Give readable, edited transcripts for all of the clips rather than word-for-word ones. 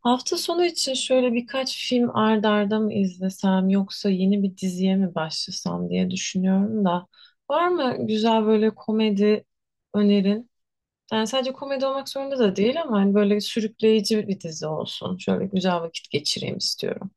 Hafta sonu için şöyle birkaç film ard arda mı izlesem yoksa yeni bir diziye mi başlasam diye düşünüyorum da. Var mı güzel böyle komedi önerin? Yani sadece komedi olmak zorunda da değil ama hani böyle sürükleyici bir dizi olsun. Şöyle güzel vakit geçireyim istiyorum.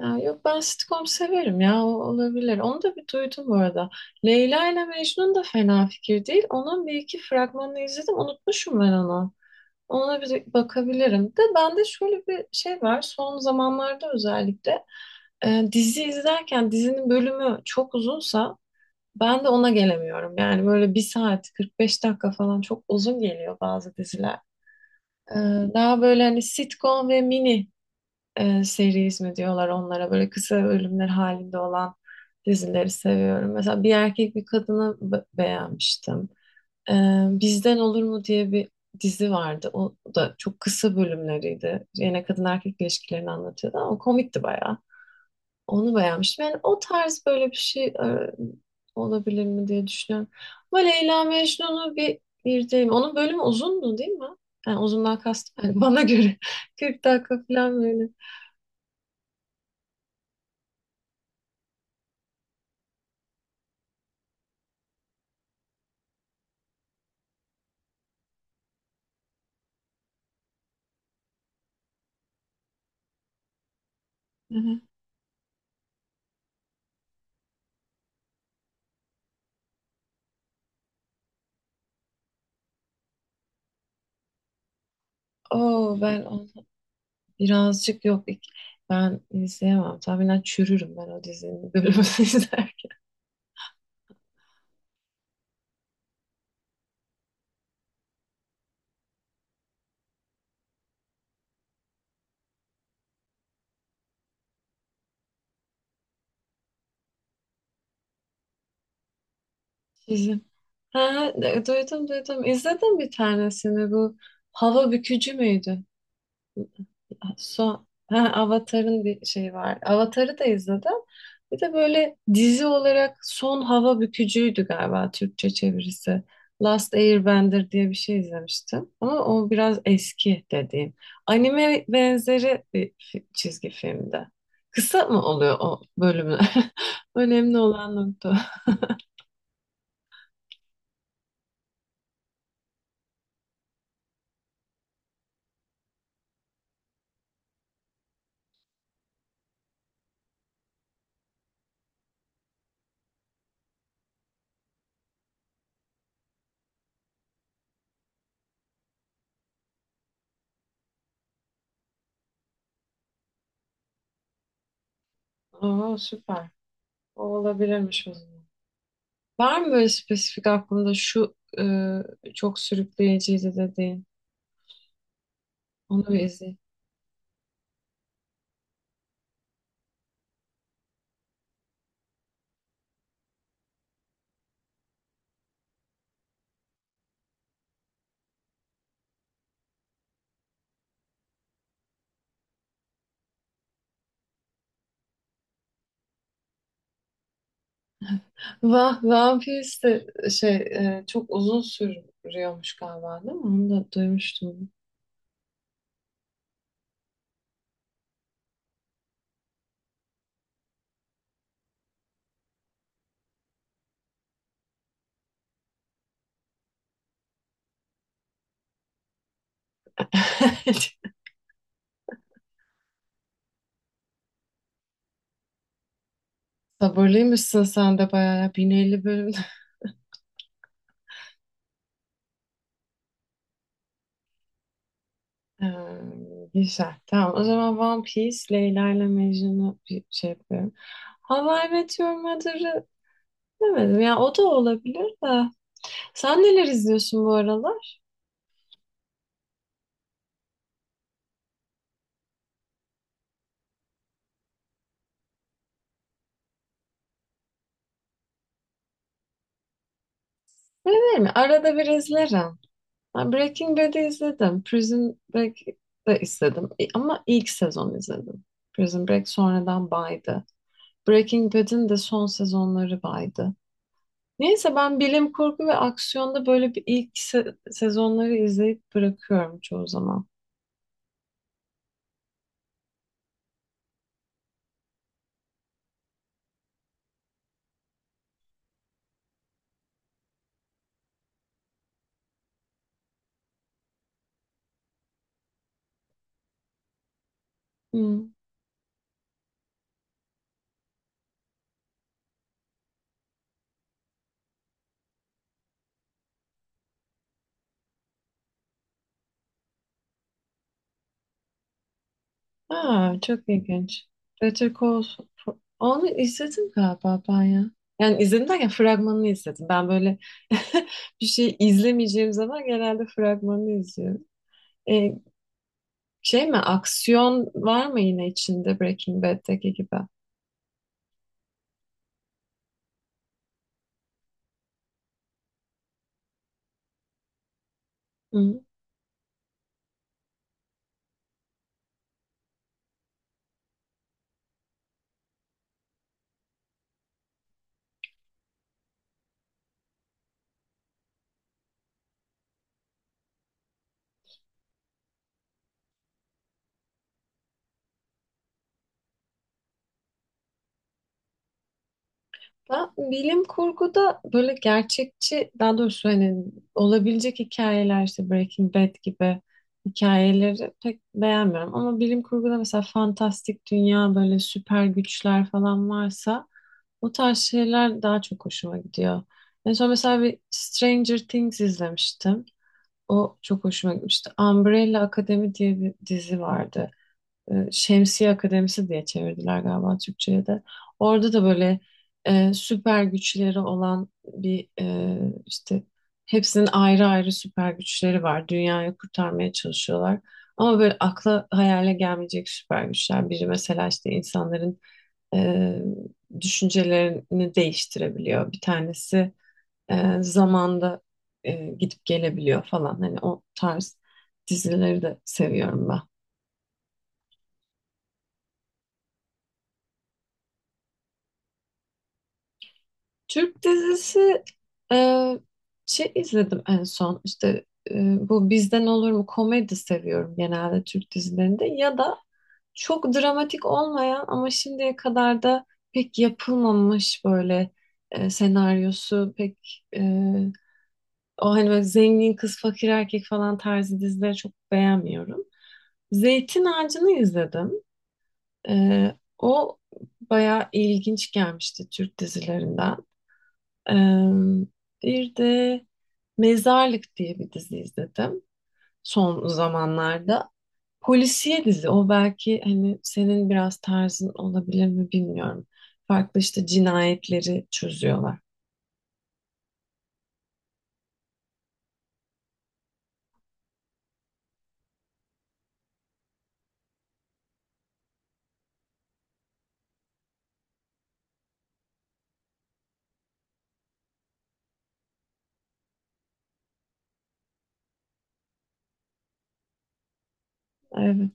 Ya yok ben sitcom severim ya o olabilir. Onu da bir duydum bu arada. Leyla ile Mecnun da fena fikir değil. Onun bir iki fragmanını izledim. Unutmuşum ben onu. Ona bir bakabilirim. De bende şöyle bir şey var. Son zamanlarda özellikle dizi izlerken dizinin bölümü çok uzunsa ben de ona gelemiyorum. Yani böyle bir saat 45 dakika falan çok uzun geliyor bazı diziler. E, Daha böyle hani sitcom ve mini series mi diyorlar onlara böyle kısa bölümler halinde olan dizileri seviyorum. Mesela Bir Erkek Bir Kadını beğenmiştim. Ee, Bizden Olur mu diye bir dizi vardı. O da çok kısa bölümleriydi. Yine kadın erkek ilişkilerini anlatıyordu ama komikti bayağı. Onu beğenmiştim. Yani o tarz böyle bir şey olabilir mi diye düşünüyorum. Ama Leyla Mecnun'u bir izleyeyim. Onun bölümü uzundu değil mi? Yani uzundan kastım, yani bana göre 40 dakika falan böyle. Hı hı. Oo, ben onu birazcık yok. İk- ben izleyemem. Tahminen çürürüm ben o dizinin bölümünü izlerken. Sizin. Ha, duydum, duydum. İzledim bir tanesini bu. Hava bükücü müydü? Son, ha, Avatar'ın bir şeyi var. Avatar'ı da izledim. Bir de böyle dizi olarak Son Hava Bükücü'ydü galiba Türkçe çevirisi. Last Airbender diye bir şey izlemiştim. Ama o biraz eski dediğim. Anime benzeri bir çizgi filmde. Kısa mı oluyor o bölümler? Önemli olan nokta. O. Oo, süper. O olabilirmiş o zaman. Var mı böyle spesifik aklında şu çok sürükleyiciydi dediğin? Onu bir izleyeyim. Vampires de çok uzun sürüyormuş galiba değil mi? Onu da duymuştum. Sabırlıymışsın sen de bayağı ya. 1050 bölüm. Ee, Güzel. Tamam o zaman One Piece, Leyla ile Mecnun'u bir şey yapıyorum. How I Met Your Mother'ı demedim. Ya o da olabilir de. Sen neler izliyorsun bu aralar? Öyle değil mi? Arada bir izlerim. Ben Breaking Bad'i izledim. Prison Break'i de izledim. Ama ilk sezon izledim. Prison Break sonradan baydı. Breaking Bad'in de son sezonları baydı. Neyse ben bilim kurgu ve aksiyonda böyle bir ilk sezonları izleyip bırakıyorum çoğu zaman. Hmm. Aa, çok ilginç. Better Call Saul, onu izledim galiba ben ya. Yani izledim derken fragmanını izledim. Ben böyle bir şey izlemeyeceğim zaman genelde fragmanını izliyorum. E, Şey mi, aksiyon var mı yine içinde Breaking Bad'deki gibi? Hı. Ben bilim kurguda böyle gerçekçi, daha doğrusu hani olabilecek hikayeler, işte Breaking Bad gibi hikayeleri pek beğenmiyorum. Ama bilim kurguda mesela fantastik dünya, böyle süper güçler falan varsa o tarz şeyler daha çok hoşuma gidiyor. En son mesela bir Stranger Things izlemiştim. O çok hoşuma gitmişti. Umbrella Academy diye bir dizi vardı, Şemsiye Akademisi diye çevirdiler galiba Türkçe'ye de. Orada da böyle süper güçleri olan bir, işte hepsinin ayrı ayrı süper güçleri var. Dünyayı kurtarmaya çalışıyorlar. Ama böyle akla hayale gelmeyecek süper güçler. Biri mesela işte insanların e, düşüncelerini değiştirebiliyor. Bir tanesi zamanda gidip gelebiliyor falan. Hani o tarz dizileri de seviyorum ben. Türk dizisi, e, şey izledim en son, işte e, bu Bizden Olur mu. Komedi seviyorum genelde Türk dizilerinde, ya da çok dramatik olmayan ama şimdiye kadar da pek yapılmamış böyle senaryosu pek o hani böyle zengin kız fakir erkek falan tarzı dizileri çok beğenmiyorum. Zeytin Ağacı'nı izledim. O bayağı ilginç gelmişti Türk dizilerinden. Ee, Bir de Mezarlık diye bir dizi izledim son zamanlarda. Polisiye dizi o, belki hani senin biraz tarzın olabilir mi bilmiyorum. Farklı işte cinayetleri çözüyorlar. Evet.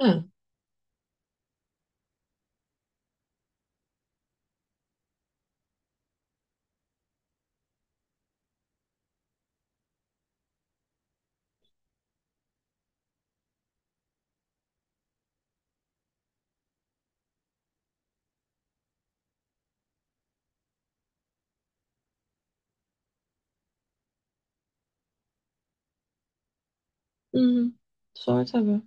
Ha. Hı hı. Sonra tabii.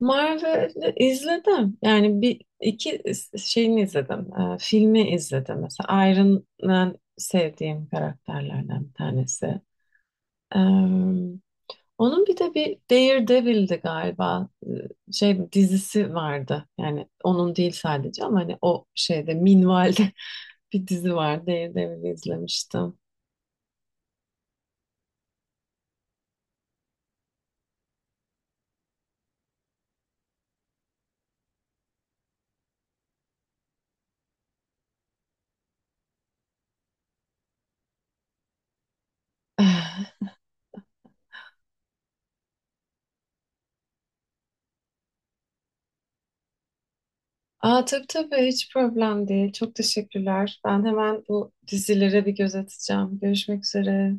Marvel'ı izledim. Yani bir iki şeyini izledim. Filmi izledim. Mesela Iron Man sevdiğim karakterlerden bir tanesi. Ee, Onun bir de bir Daredevil'di galiba. Şey dizisi vardı. Yani onun değil sadece ama hani o şeyde minvalde bir dizi var. Daredevil'i izlemiştim. Aa, tabii tabii, hiç problem değil. Çok teşekkürler. Ben hemen bu dizilere bir göz atacağım. Görüşmek üzere.